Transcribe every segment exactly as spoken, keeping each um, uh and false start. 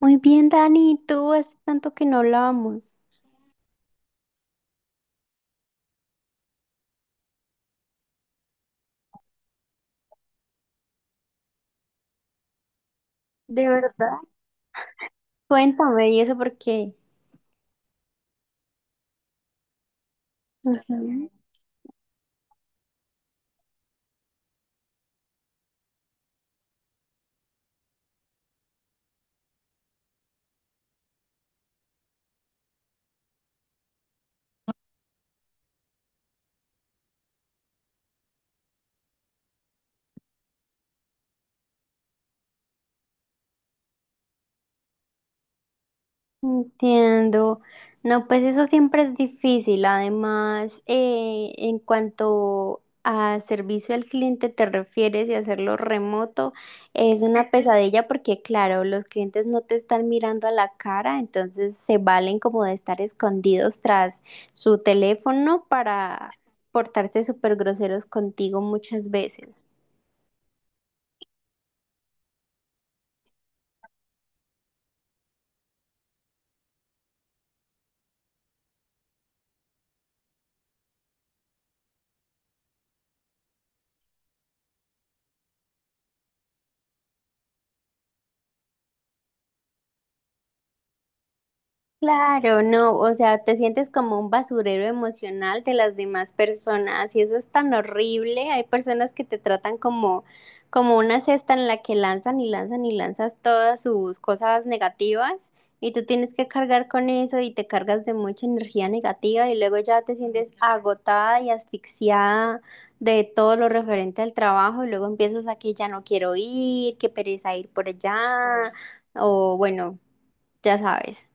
Muy bien, Dani, ¿y tú? Hace tanto que no hablábamos. De verdad. Cuéntame, ¿y eso por qué? Ujú. Entiendo. No, pues eso siempre es difícil. Además, eh, en cuanto a servicio al cliente te refieres y hacerlo remoto, es una pesadilla porque, claro, los clientes no te están mirando a la cara, entonces se valen como de estar escondidos tras su teléfono para portarse súper groseros contigo muchas veces. Claro, no, o sea, te sientes como un basurero emocional de las demás personas y eso es tan horrible. Hay personas que te tratan como, como una cesta en la que lanzan y lanzan y lanzas todas sus cosas negativas, y tú tienes que cargar con eso y te cargas de mucha energía negativa, y luego ya te sientes agotada y asfixiada de todo lo referente al trabajo, y luego empiezas a que ya no quiero ir, que pereza ir por allá, o bueno, ya sabes.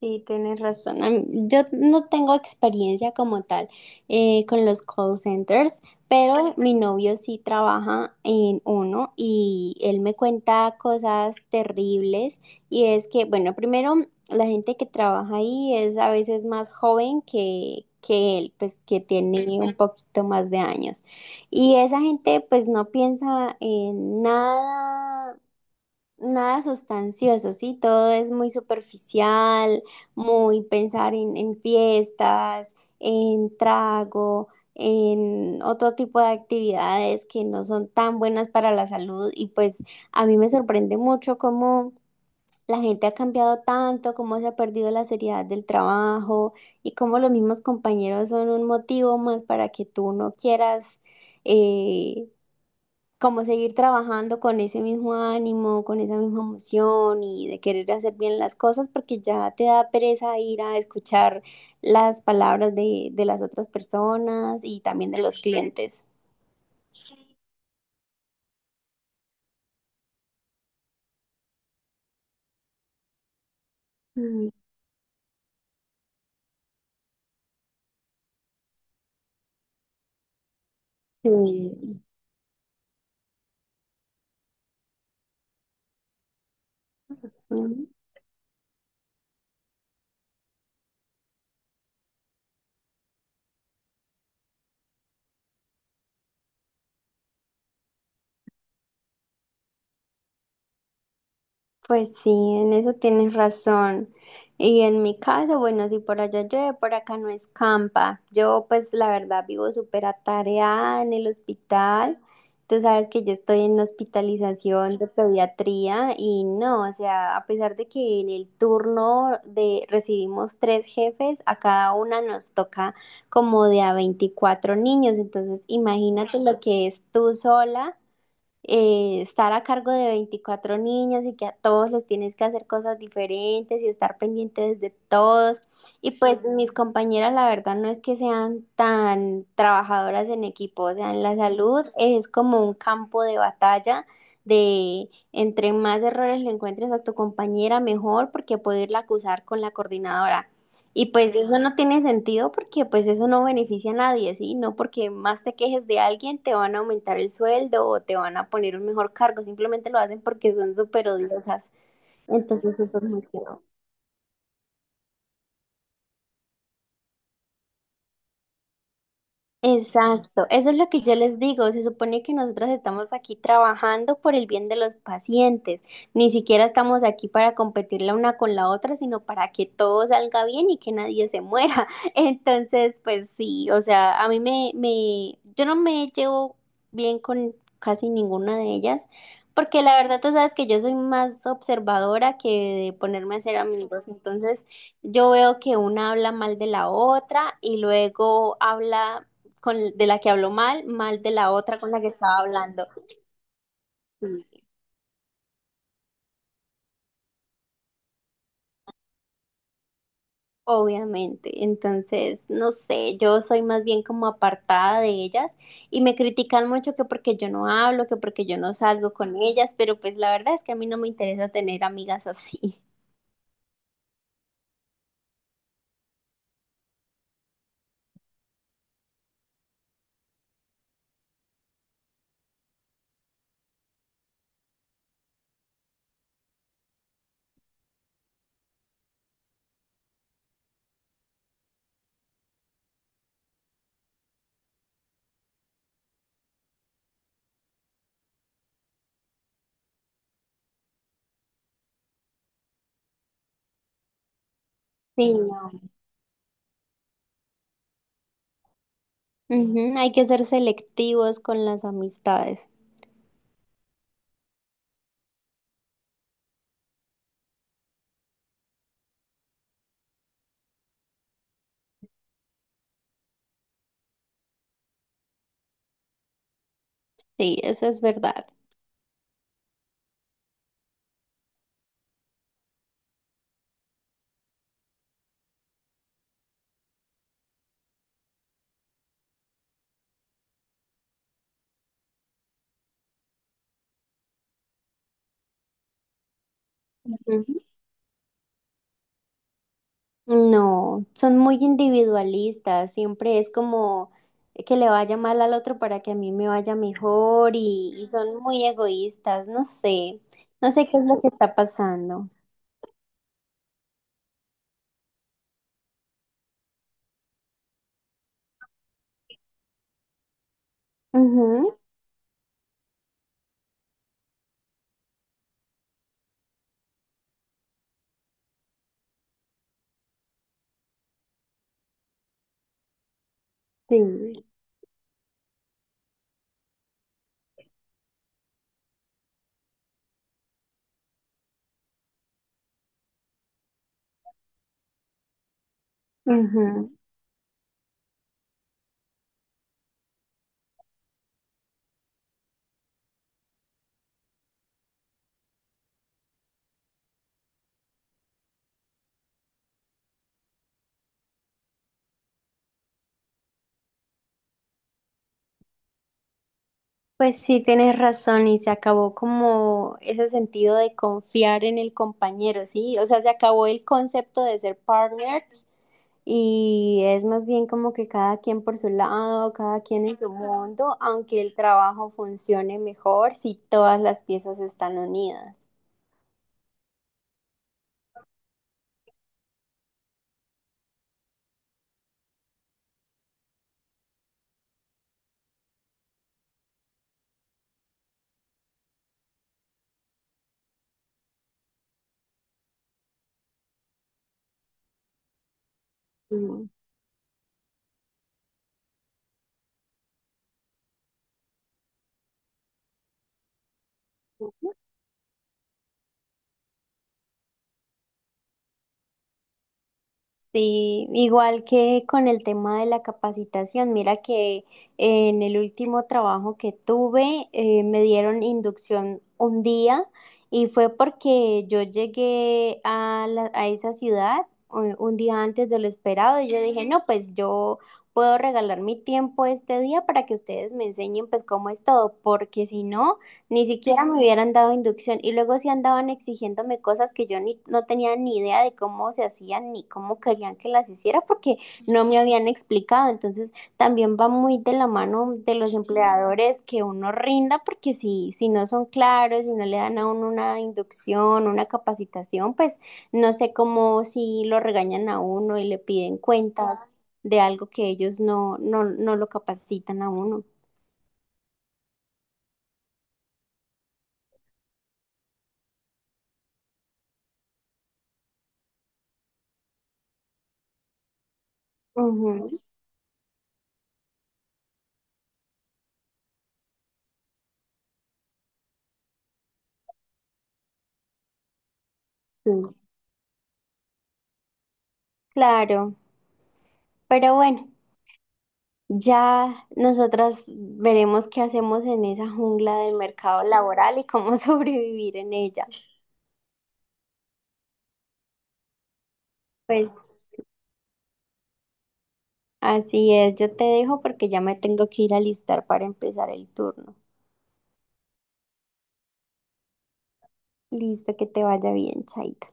Sí, tienes razón. Am- Yo no tengo experiencia como tal, eh, con los call centers, pero mi novio sí trabaja en uno y él me cuenta cosas terribles. Y es que, bueno, primero, la gente que trabaja ahí es a veces más joven que, que él, pues que tiene un poquito más de años. Y esa gente pues no piensa en nada. Nada sustancioso, sí, todo es muy superficial, muy pensar en, en fiestas, en trago, en otro tipo de actividades que no son tan buenas para la salud, y pues a mí me sorprende mucho cómo la gente ha cambiado tanto, cómo se ha perdido la seriedad del trabajo y cómo los mismos compañeros son un motivo más para que tú no quieras, eh, como seguir trabajando con ese mismo ánimo, con esa misma emoción y de querer hacer bien las cosas, porque ya te da pereza ir a escuchar las palabras de, de las otras personas y también de los clientes. Mm. Sí. Pues sí, en eso tienes razón. Y en mi caso, bueno, si por allá llueve, por acá no escampa. Yo pues la verdad vivo súper atareada en el hospital. Tú sabes que yo estoy en hospitalización de pediatría, y no, o sea, a pesar de que en el turno de recibimos tres jefes, a cada una nos toca como de a veinticuatro niños. Entonces, imagínate lo que es tú sola, eh, estar a cargo de veinticuatro niños y que a todos les tienes que hacer cosas diferentes y estar pendientes de todos. Y pues sí, mis compañeras, la verdad, no es que sean tan trabajadoras en equipo, o sea, en la salud es como un campo de batalla de entre más errores le encuentres a tu compañera, mejor, porque poderla acusar con la coordinadora. Y pues eso no tiene sentido porque pues eso no beneficia a nadie, ¿sí? No porque más te quejes de alguien te van a aumentar el sueldo o te van a poner un mejor cargo, simplemente lo hacen porque son súper odiosas. Entonces eso no es muy feo. Exacto, eso es lo que yo les digo. Se supone que nosotros estamos aquí trabajando por el bien de los pacientes. Ni siquiera estamos aquí para competir la una con la otra, sino para que todo salga bien y que nadie se muera. Entonces, pues sí, o sea, a mí me, me, yo no me llevo bien con casi ninguna de ellas, porque la verdad tú sabes que yo soy más observadora que de ponerme a hacer amigos. Entonces, yo veo que una habla mal de la otra y luego habla con, de la que habló mal, mal de la otra con la que estaba hablando. Sí, obviamente. Entonces, no sé, yo soy más bien como apartada de ellas, y me critican mucho que porque yo no hablo, que porque yo no salgo con ellas, pero pues la verdad es que a mí no me interesa tener amigas así. Sí, no. Ujú. Hay que ser selectivos con las amistades. Sí, eso es verdad. No, son muy individualistas, siempre es como que le vaya mal al otro para que a mí me vaya mejor y, y son muy egoístas, no sé, no sé qué es lo que está pasando. Ujú, sí, ujú. Pues sí, tienes razón, y se acabó como ese sentido de confiar en el compañero, ¿sí? O sea, se acabó el concepto de ser partners. Y es más bien como que cada quien por su lado, cada quien en su mundo, aunque el trabajo funcione mejor si todas las piezas están unidas. Mm. Sí, igual que con el tema de la capacitación, mira que en el último trabajo que tuve, eh, me dieron inducción un día, y fue porque yo llegué a, la- a esa ciudad un, un día antes de lo esperado, y yo dije, no, pues yo puedo regalar mi tiempo este día para que ustedes me enseñen pues cómo es todo, porque si no, ni siquiera me hubieran dado inducción, y luego sí andaban exigiéndome cosas que yo ni, no tenía ni idea de cómo se hacían ni cómo querían que las hiciera porque no me habían explicado. Entonces también va muy de la mano de los empleadores que uno rinda porque si, si no son claros, si no le dan a uno una inducción, una capacitación, pues no sé cómo, si lo regañan a uno y le piden cuentas de algo que ellos no, no, no lo capacitan a uno. Ujú, sí, claro. Pero bueno, ya nosotras veremos qué hacemos en esa jungla del mercado laboral y cómo sobrevivir en ella. Pues así es, yo te dejo porque ya me tengo que ir a alistar para empezar el turno. Listo, que te vaya bien, Chaito.